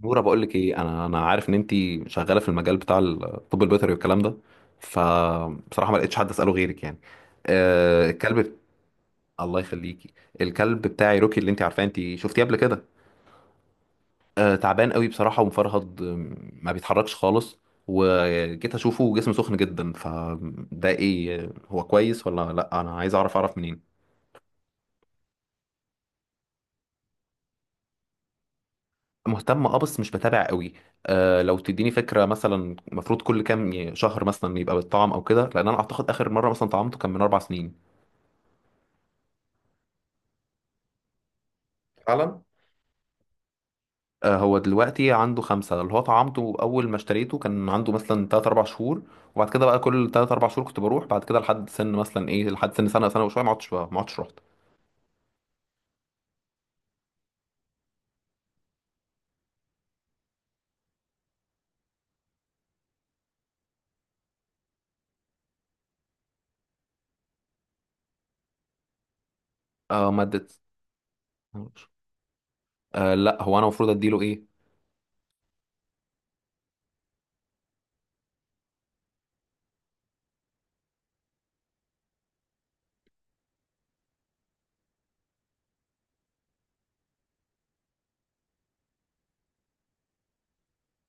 نورة، بقول لك ايه. انا عارف ان انت شغاله في المجال بتاع الطب البيطري والكلام ده. فبصراحه ما لقيتش حد اساله غيرك يعني. آه، الكلب. الله يخليكي. الكلب بتاعي روكي اللي انت عارفاه، انت شفتيه قبل كده. آه، تعبان قوي بصراحه ومفرهد، ما بيتحركش خالص. وجيت اشوفه جسمه سخن جدا. فده ايه؟ هو كويس ولا لا؟ انا عايز اعرف. منين؟ مهتم اه، بس مش بتابع قوي. آه، لو تديني فكره مثلا المفروض كل كام شهر مثلا يبقى بالطعم او كده، لان انا اعتقد اخر مره مثلا طعمته كان من 4 سنين. فعلا. آه، هو دلوقتي عنده 5. اللي هو طعمته اول ما اشتريته كان عنده مثلا 3 4 شهور، وبعد كده بقى كل 3 4 شهور كنت بروح. بعد كده لحد سن مثلا ايه، لحد سن سنه سنه وشويه ما عدتش رحت. آه، ماده. آه لا، هو انا المفروض اديله ايه؟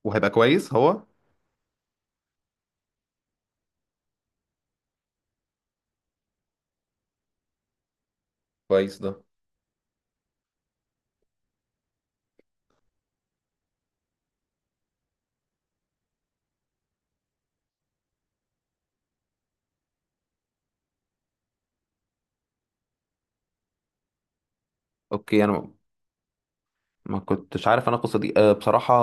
وهيبقى كويس هو؟ كويس ده. اوكي انا. ما كنتش عارف انا القصه دي آه، بصراحه.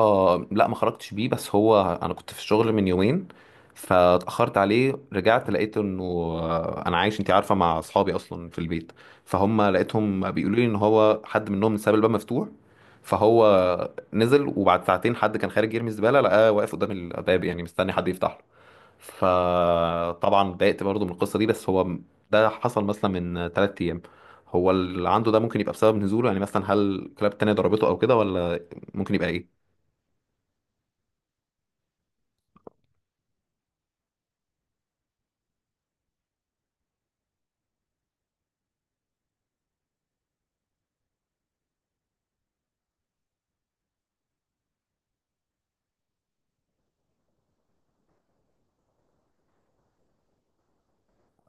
لا، ما خرجتش بيه، بس هو انا كنت في الشغل من يومين، فاتاخرت عليه. رجعت لقيت انه آه، انا عايش انت عارفه مع اصحابي اصلا في البيت. فهم لقيتهم بيقولوا لي ان هو حد منهم ساب الباب مفتوح. فهو نزل، وبعد ساعتين حد كان خارج يرمي الزباله لقاه واقف قدام الباب يعني مستني حد يفتحه. فطبعا اتضايقت برضه من القصه دي بس هو. ده حصل مثلا من 3 ايام. هو اللي عنده ده ممكن يبقى بسبب نزوله؟ يعني مثلا هل كلاب تانية ضربته او كده، ولا ممكن يبقى ايه؟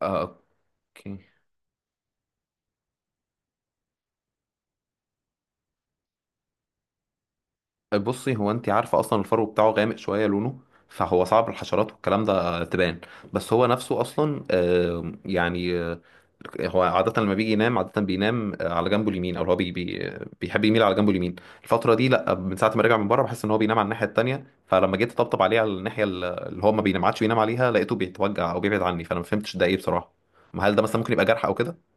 آه، اوكي. بصي، هو انت عارفه اصلا الفرو بتاعه غامق شويه لونه، فهو صعب الحشرات والكلام ده تبان. بس هو نفسه اصلا آه، يعني هو عادة لما بيجي ينام، عادة بينام آه، على جنبه اليمين، او هو بي بي بيحب يميل على جنبه اليمين. الفترة دي لا، من ساعة ما رجع من بره بحس ان هو بينام على الناحية التانية. فلما جيت اطبطب عليه على اللي هو ما بينام عادش بينام عليها لقيته بيتوجع او بيبعد عني. فانا ما فهمتش ده ايه بصراحة. ما هل ده مثلا ممكن يبقى جرح او كده؟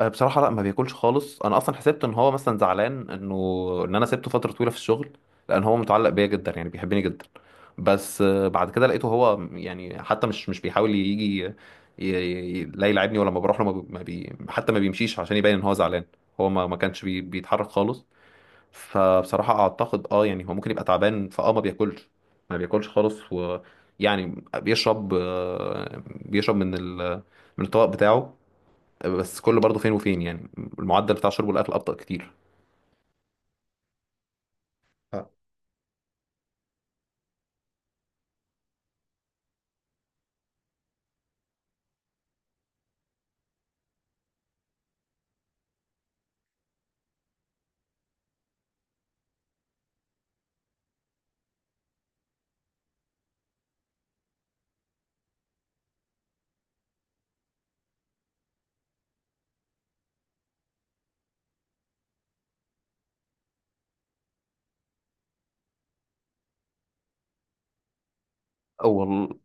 أه، بصراحة لا، ما بياكلش خالص. انا اصلا حسبت ان هو مثلا زعلان انه ان انا سبته فترة طويلة في الشغل، لان هو متعلق بيا جدا يعني بيحبني جدا. بس آه، بعد كده لقيته هو يعني حتى مش بيحاول يجي. ي- لا يلعبني. ولما بروح له ما بي ما بي- حتى ما بيمشيش عشان يبين ان هو زعلان. هو ما كانش بيتحرك خالص. فبصراحة اعتقد اه، يعني هو ممكن يبقى تعبان فاه ما بياكلش ما بياكلش خالص. ويعني بيشرب آه، بيشرب من الطبق بتاعه. بس كله برضه فين وفين يعني. المعدل بتاع شرب الأكل أبطأ كتير. آه. أول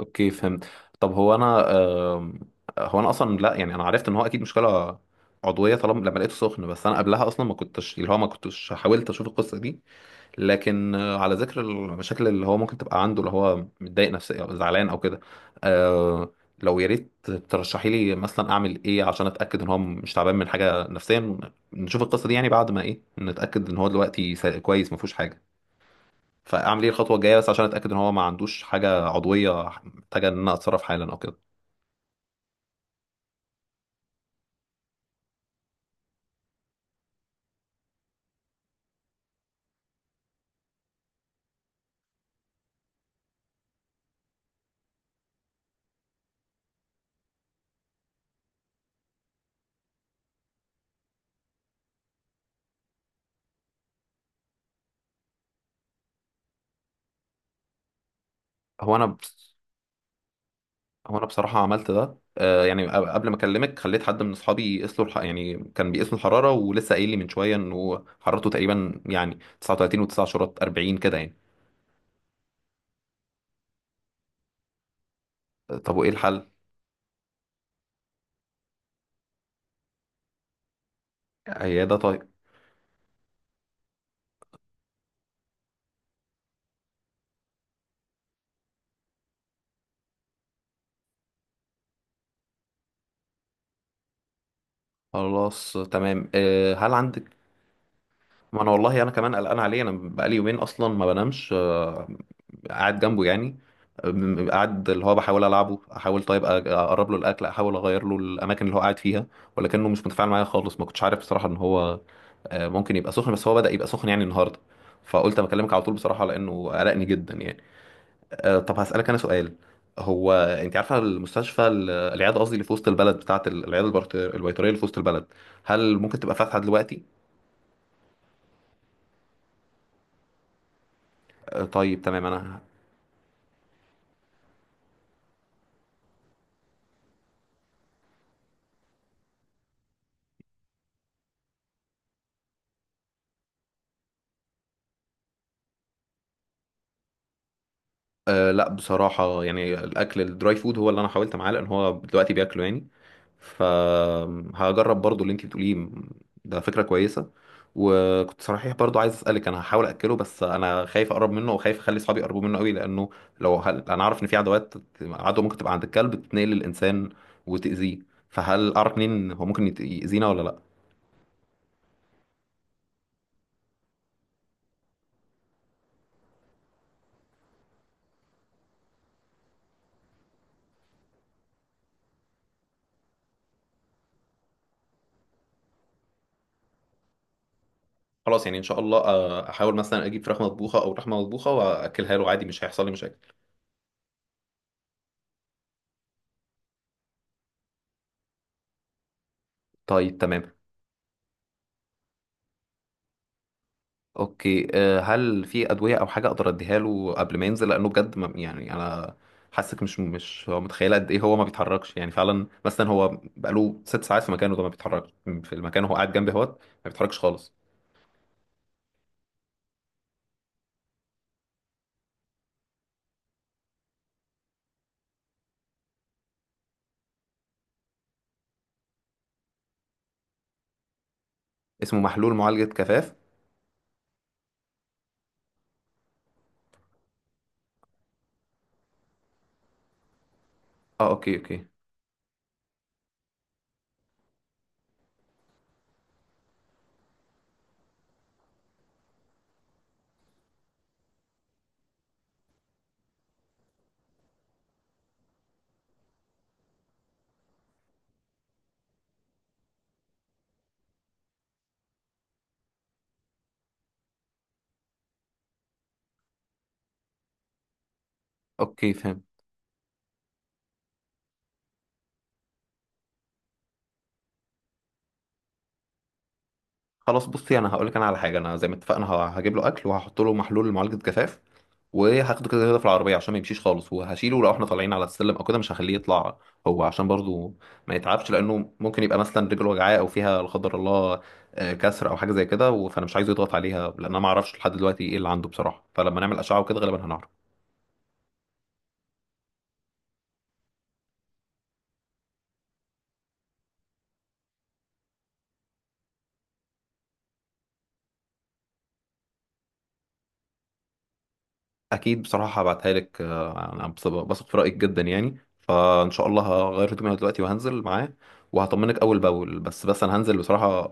أوكي، فهمت. طب هو أنا آم، هو أنا أصلا لا، يعني أنا عرفت إن هو أكيد مشكلة عضوية طالما لما لقيته سخن. بس أنا قبلها أصلا ما كنتش اللي هو ما كنتش حاولت أشوف القصة دي. لكن آه، على ذكر المشاكل اللي هو ممكن تبقى عنده، اللي هو متضايق نفسيا أو زعلان أو كده، آه، لو يا ريت ترشحي لي مثلا أعمل إيه عشان أتأكد إن هو مش تعبان من حاجة نفسيا. نشوف القصة دي يعني بعد ما إيه، نتأكد إن هو دلوقتي كويس ما فيهوش حاجة. فاعمل ايه الخطوه الجايه بس عشان اتاكد ان هو ما عندوش حاجه عضويه؟ محتاجه ان انا اتصرف حالا او كده؟ هو انا بس. هو انا بصراحه عملت ده آه، يعني قبل ما اكلمك خليت حد من اصحابي يقيس له يعني كان بيقيس له الحراره. ولسه قايل لي من شويه انه حرارته تقريبا يعني 39 و9 شرات 40 كده يعني. آه، طب وايه الحل؟ عياده طيب. خلاص تمام آه، هل عندك؟ ما انا والله انا كمان قلقان عليه. انا بقالي يومين اصلا ما بنامش آه، قاعد جنبه يعني. قاعد اللي هو بحاول العبه، احاول طيب اقرب له الاكل، احاول اغير له الاماكن اللي هو قاعد فيها، ولكنه مش متفاعل معايا خالص. ما كنتش عارف بصراحه ان هو آه، ممكن يبقى سخن. بس هو بدأ يبقى سخن يعني النهارده، فقلت اما اكلمك على طول بصراحه لانه قلقني جدا يعني. آه، طب هسألك انا سؤال. هو انت عارفه المستشفى العياده قصدي اللي في وسط البلد، بتاعه العياده البيطريه اللي في وسط البلد، هل ممكن تبقى فاتحه دلوقتي؟ آه، طيب تمام انا. أه لا بصراحة، يعني الأكل الدراي فود هو اللي أنا حاولت معاه لأن هو دلوقتي بياكله يعني. فهجرب برضو اللي أنت بتقوليه. ده فكرة كويسة. وكنت صحيح برضو عايز أسألك، أنا هحاول أكله بس أنا خايف أقرب منه وخايف أخلي أصحابي يقربوا منه قوي. لأنه لو أنا عارف إن في عدوات، عدوى ممكن تبقى عند الكلب تتنقل للإنسان وتأذيه. فهل أعرف منين هو ممكن يأذينا ولا لأ؟ خلاص، يعني إن شاء الله آه، أحاول مثلا أجيب فراخ مطبوخة أو لحمة مطبوخة وأكلها له عادي، مش هيحصل لي مشاكل؟ طيب تمام. اوكي آه، هل في ادويه او حاجه اقدر اديها له قبل ما ينزل؟ لانه بجد يعني انا حاسك مش هو متخيله قد ايه هو ما بيتحركش. يعني فعلا مثلا هو بقاله 6 ساعات في مكانه ده ما بيتحركش. في المكان هو قاعد جنبي اهوت، ما بيتحركش خالص. اسمه محلول معالجه كفاف؟ اه اوكي اوكي. اوكي فهمت. خلاص، بصي انا هقول لك انا على حاجه. انا زي ما اتفقنا هجيب له اكل وهحط له محلول معالجه جفاف، وهاخده كده كده في العربيه عشان ما يمشيش خالص. وهشيله لو احنا طالعين على السلم او كده، مش هخليه يطلع هو عشان برضو ما يتعبش، لانه ممكن يبقى مثلا رجله وجعاه او فيها لا قدر الله آه، كسر او حاجه زي كده فانا مش عايزه يضغط عليها. لان انا ما اعرفش لحد دلوقتي ايه اللي عنده بصراحه، فلما نعمل اشعه وكده غالبا هنعرف. اكيد بصراحه هبعتها لك آه، انا بثق في رايك جدا يعني. فان شاء الله هغير هدومي أنا دلوقتي وهنزل معاه وهطمنك اول باول. بس انا هنزل بصراحه.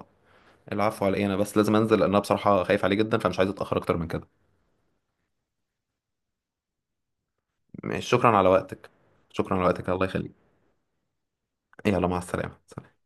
العفو على ايه، انا بس لازم انزل لان انا بصراحة خايف عليه جدا فمش عايز اتأخر اكتر من كده. ماشي، شكرا على وقتك. شكرا على وقتك، الله يخليك. يلا مع السلامة.